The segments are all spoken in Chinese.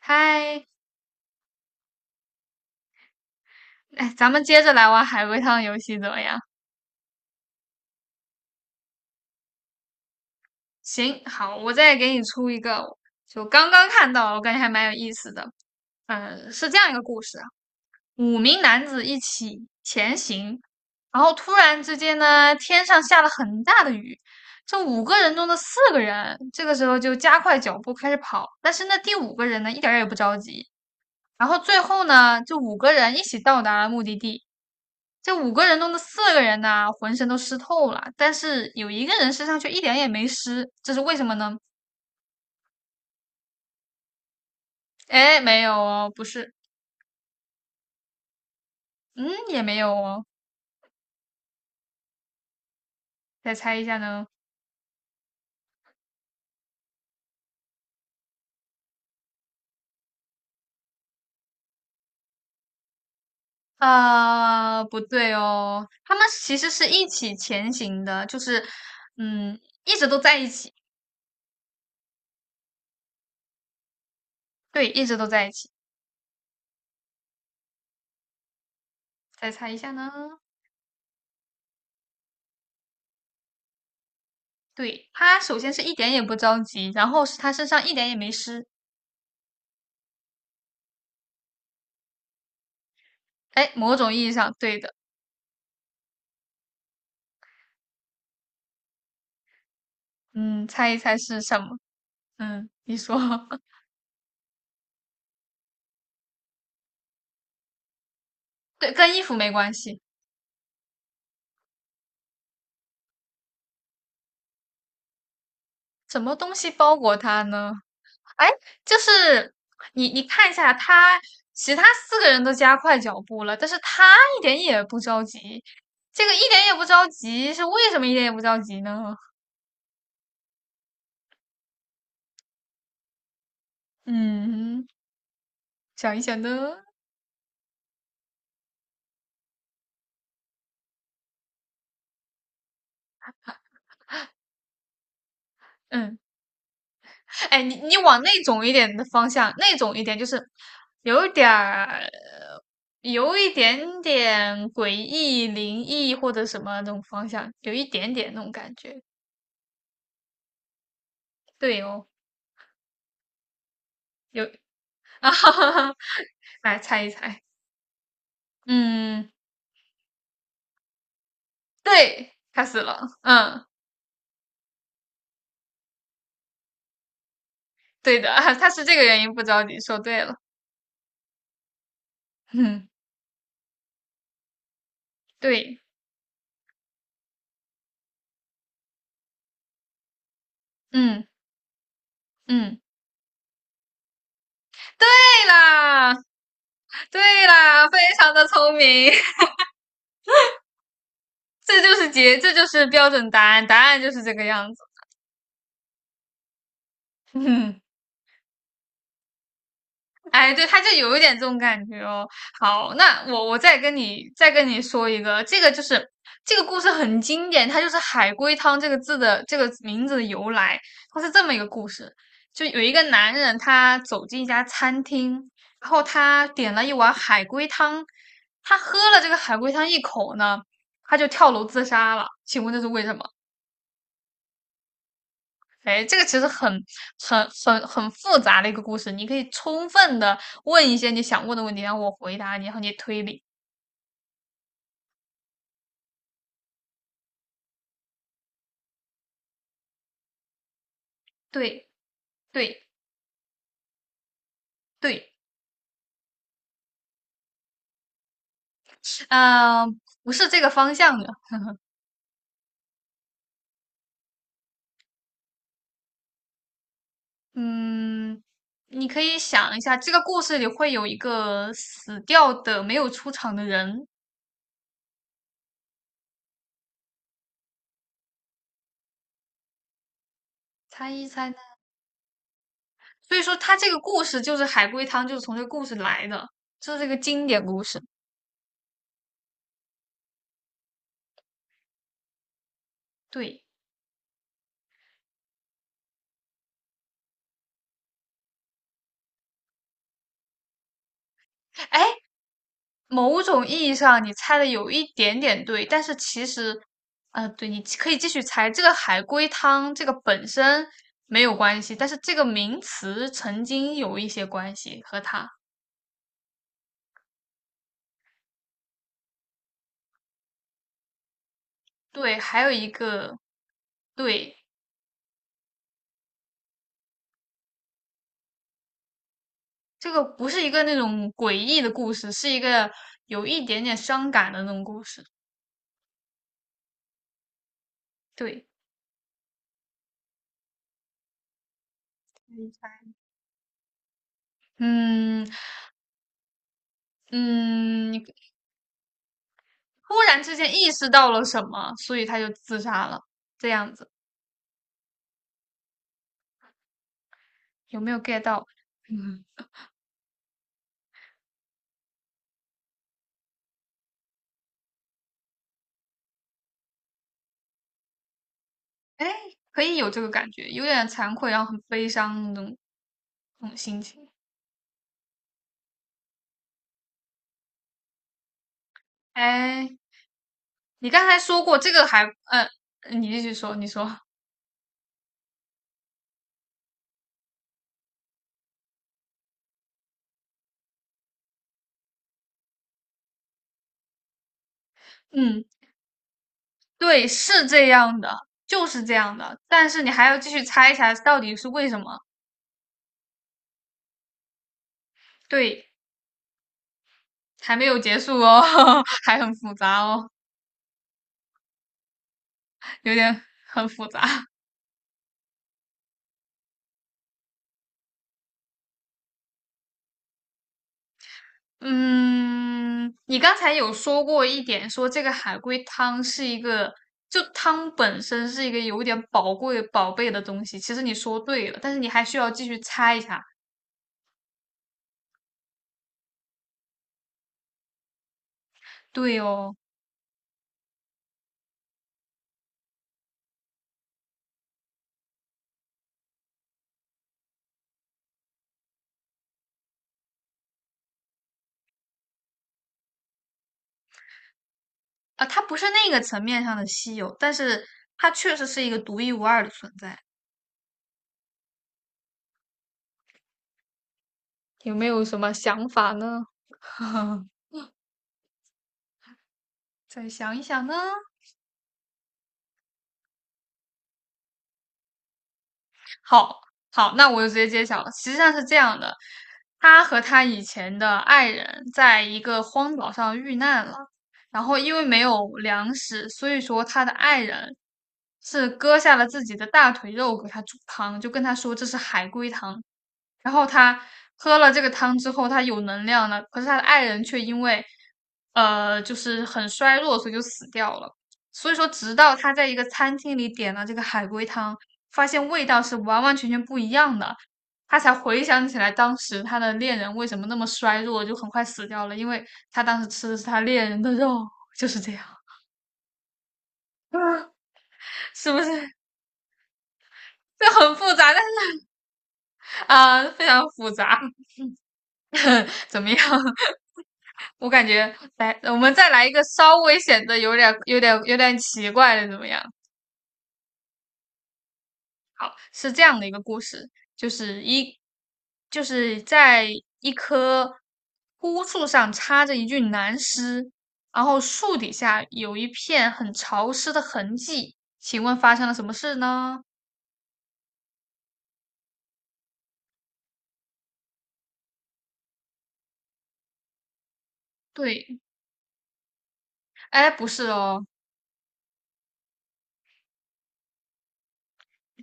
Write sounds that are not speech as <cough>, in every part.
嗨，哎，咱们接着来玩海龟汤游戏怎么样？行，好，我再给你出一个，就刚刚看到，我感觉还蛮有意思的。嗯，是这样一个故事啊：五名男子一起前行，然后突然之间呢，天上下了很大的雨。这五个人中的四个人，这个时候就加快脚步开始跑，但是那第五个人呢，一点儿也不着急。然后最后呢，这五个人一起到达了目的地。这五个人中的四个人呢，浑身都湿透了，但是有一个人身上却一点也没湿，这是为什么呢？哎，没有哦，不是，嗯，也没有哦，再猜一下呢？啊，不对哦，他们其实是一起前行的，就是嗯，一直都在一起，对，一直都在一起。再猜一下呢？对，他首先是一点也不着急，然后是他身上一点也没湿，哎，某种意义上对的，嗯，猜一猜是什么？嗯，你说。<laughs> 对，跟衣服没关系。什么东西包裹他呢？哎，就是你看一下他，其他四个人都加快脚步了，但是他一点也不着急。这个一点也不着急，是为什么一点也不着急呢？嗯，想一想呢。嗯，哎，你往那种一点的方向，那种一点就是有一点儿，有一点点诡异、灵异或者什么那种方向，有一点点那种感觉。对哦，有 <laughs> 啊哈哈哈，来猜一猜，嗯，对，他死了，嗯，对的，<laughs> 啊，他是这个原因不着急，说对了，嗯，对，嗯嗯，对啦，对啦，非常的聪明，<laughs> 这就是标准答案，答案就是这个样子，<laughs> 嗯。哎，对，他就有一点这种感觉哦。好，那我再跟你说一个，这个就是这个故事很经典，它就是"海龟汤"这个字的这个名字的由来。它是这么一个故事，就有一个男人，他走进一家餐厅，然后他点了一碗海龟汤，他喝了这个海龟汤一口呢，他就跳楼自杀了。请问这是为什么？哎，这个其实很复杂的一个故事，你可以充分的问一些你想问的问题，然后我回答你，然后你推理。对，对，对，呃，不是这个方向的。嗯，你可以想一下，这个故事里会有一个死掉的没有出场的人，猜一猜呢。所以说，他这个故事就是海龟汤，就是从这个故事来的，这是一个经典故事。对，哎，某种意义上你猜的有一点点对，但是其实，对，你可以继续猜。这个海龟汤这个本身没有关系，但是这个名词曾经有一些关系和它。对，还有一个，对，这个不是一个那种诡异的故事，是一个有一点点伤感的那种故事。对，你猜嗯嗯，你突然之间意识到了什么，所以他就自杀了，这样子有没有 get 到？<laughs> 嗯。哎，可以有这个感觉，有点惭愧，然后很悲伤那种心情。哎，你刚才说过这个还，你继续说，你说，嗯，对，是这样的，就是这样的，但是你还要继续猜一下到底是为什么。对，还没有结束哦，<laughs> 还很复杂哦，有点很复杂。嗯，你刚才有说过一点，说这个海龟汤是一个，就汤本身是一个有点宝贵宝贝的东西。其实你说对了，但是你还需要继续猜一下。对哦，啊，它不是那个层面上的稀有，但是它确实是一个独一无二的存在。有没有什么想法呢？<laughs> 再想一想呢？好好，那我就直接揭晓了。实际上是这样的，他和他以前的爱人在一个荒岛上遇难了，然后因为没有粮食，所以说他的爱人是割下了自己的大腿肉给他煮汤，就跟他说这是海龟汤。然后他喝了这个汤之后，他有能量了，可是他的爱人却因为就是很衰弱，所以就死掉了。所以说，直到他在一个餐厅里点了这个海龟汤，发现味道是完完全全不一样的，他才回想起来当时他的恋人为什么那么衰弱，就很快死掉了，因为他当时吃的是他恋人的肉，就是这样，嗯是不是？这很复杂，但是非常复杂，<laughs> 怎么样？我感觉来，我们再来一个稍微显得有点奇怪的，怎么样？是这样的一个故事，就是一，就是在一棵枯树上插着一具男尸，然后树底下有一片很潮湿的痕迹。请问发生了什么事呢？对，哎，不是哦，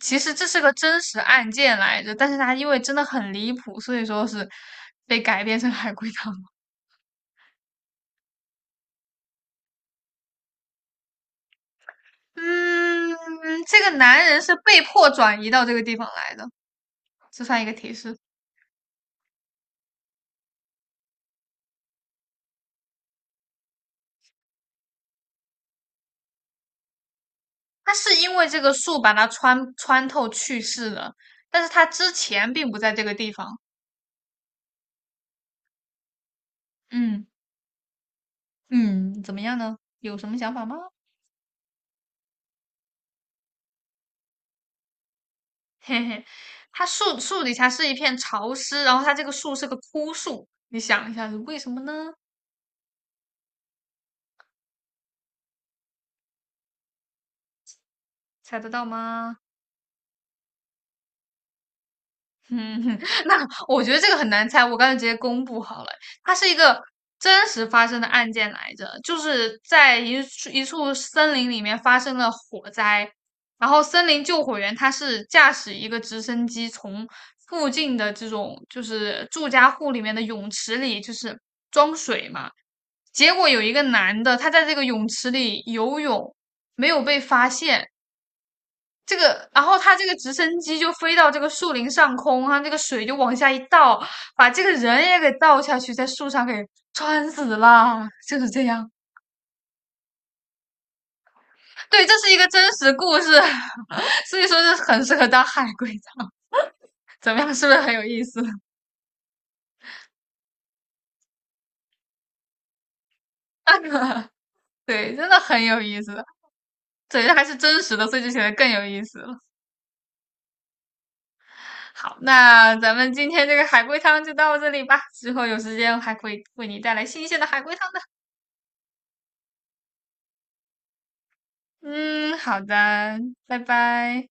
其实这是个真实案件来着，但是它因为真的很离谱，所以说是被改编成海龟汤。嗯，这个男人是被迫转移到这个地方来的，这算一个提示。他是因为这个树把他穿透去世的，但是他之前并不在这个地方。嗯嗯，怎么样呢？有什么想法吗？嘿嘿，他树底下是一片潮湿，然后他这个树是个枯树，你想一下是为什么呢？猜得到吗？嗯，<laughs> 那我觉得这个很难猜，我刚才直接公布好了。它是一个真实发生的案件来着，就是在一处森林里面发生了火灾，然后森林救火员他是驾驶一个直升机从附近的这种就是住家户里面的泳池里就是装水嘛，结果有一个男的他在这个泳池里游泳没有被发现，这个，然后他这个直升机就飞到这个树林上空，他那个水就往下一倒，把这个人也给倒下去，在树上给穿死了，就是这样。对，这是一个真实故事，<laughs> 所以说这很适合当海龟汤。怎么样，是不是很有意思？<laughs> 对，真的很有意思的。对，这还是真实的，所以就显得更有意思了。好，那咱们今天这个海龟汤就到这里吧，之后有时间还可以为你带来新鲜的海龟汤的。嗯，好的，拜拜。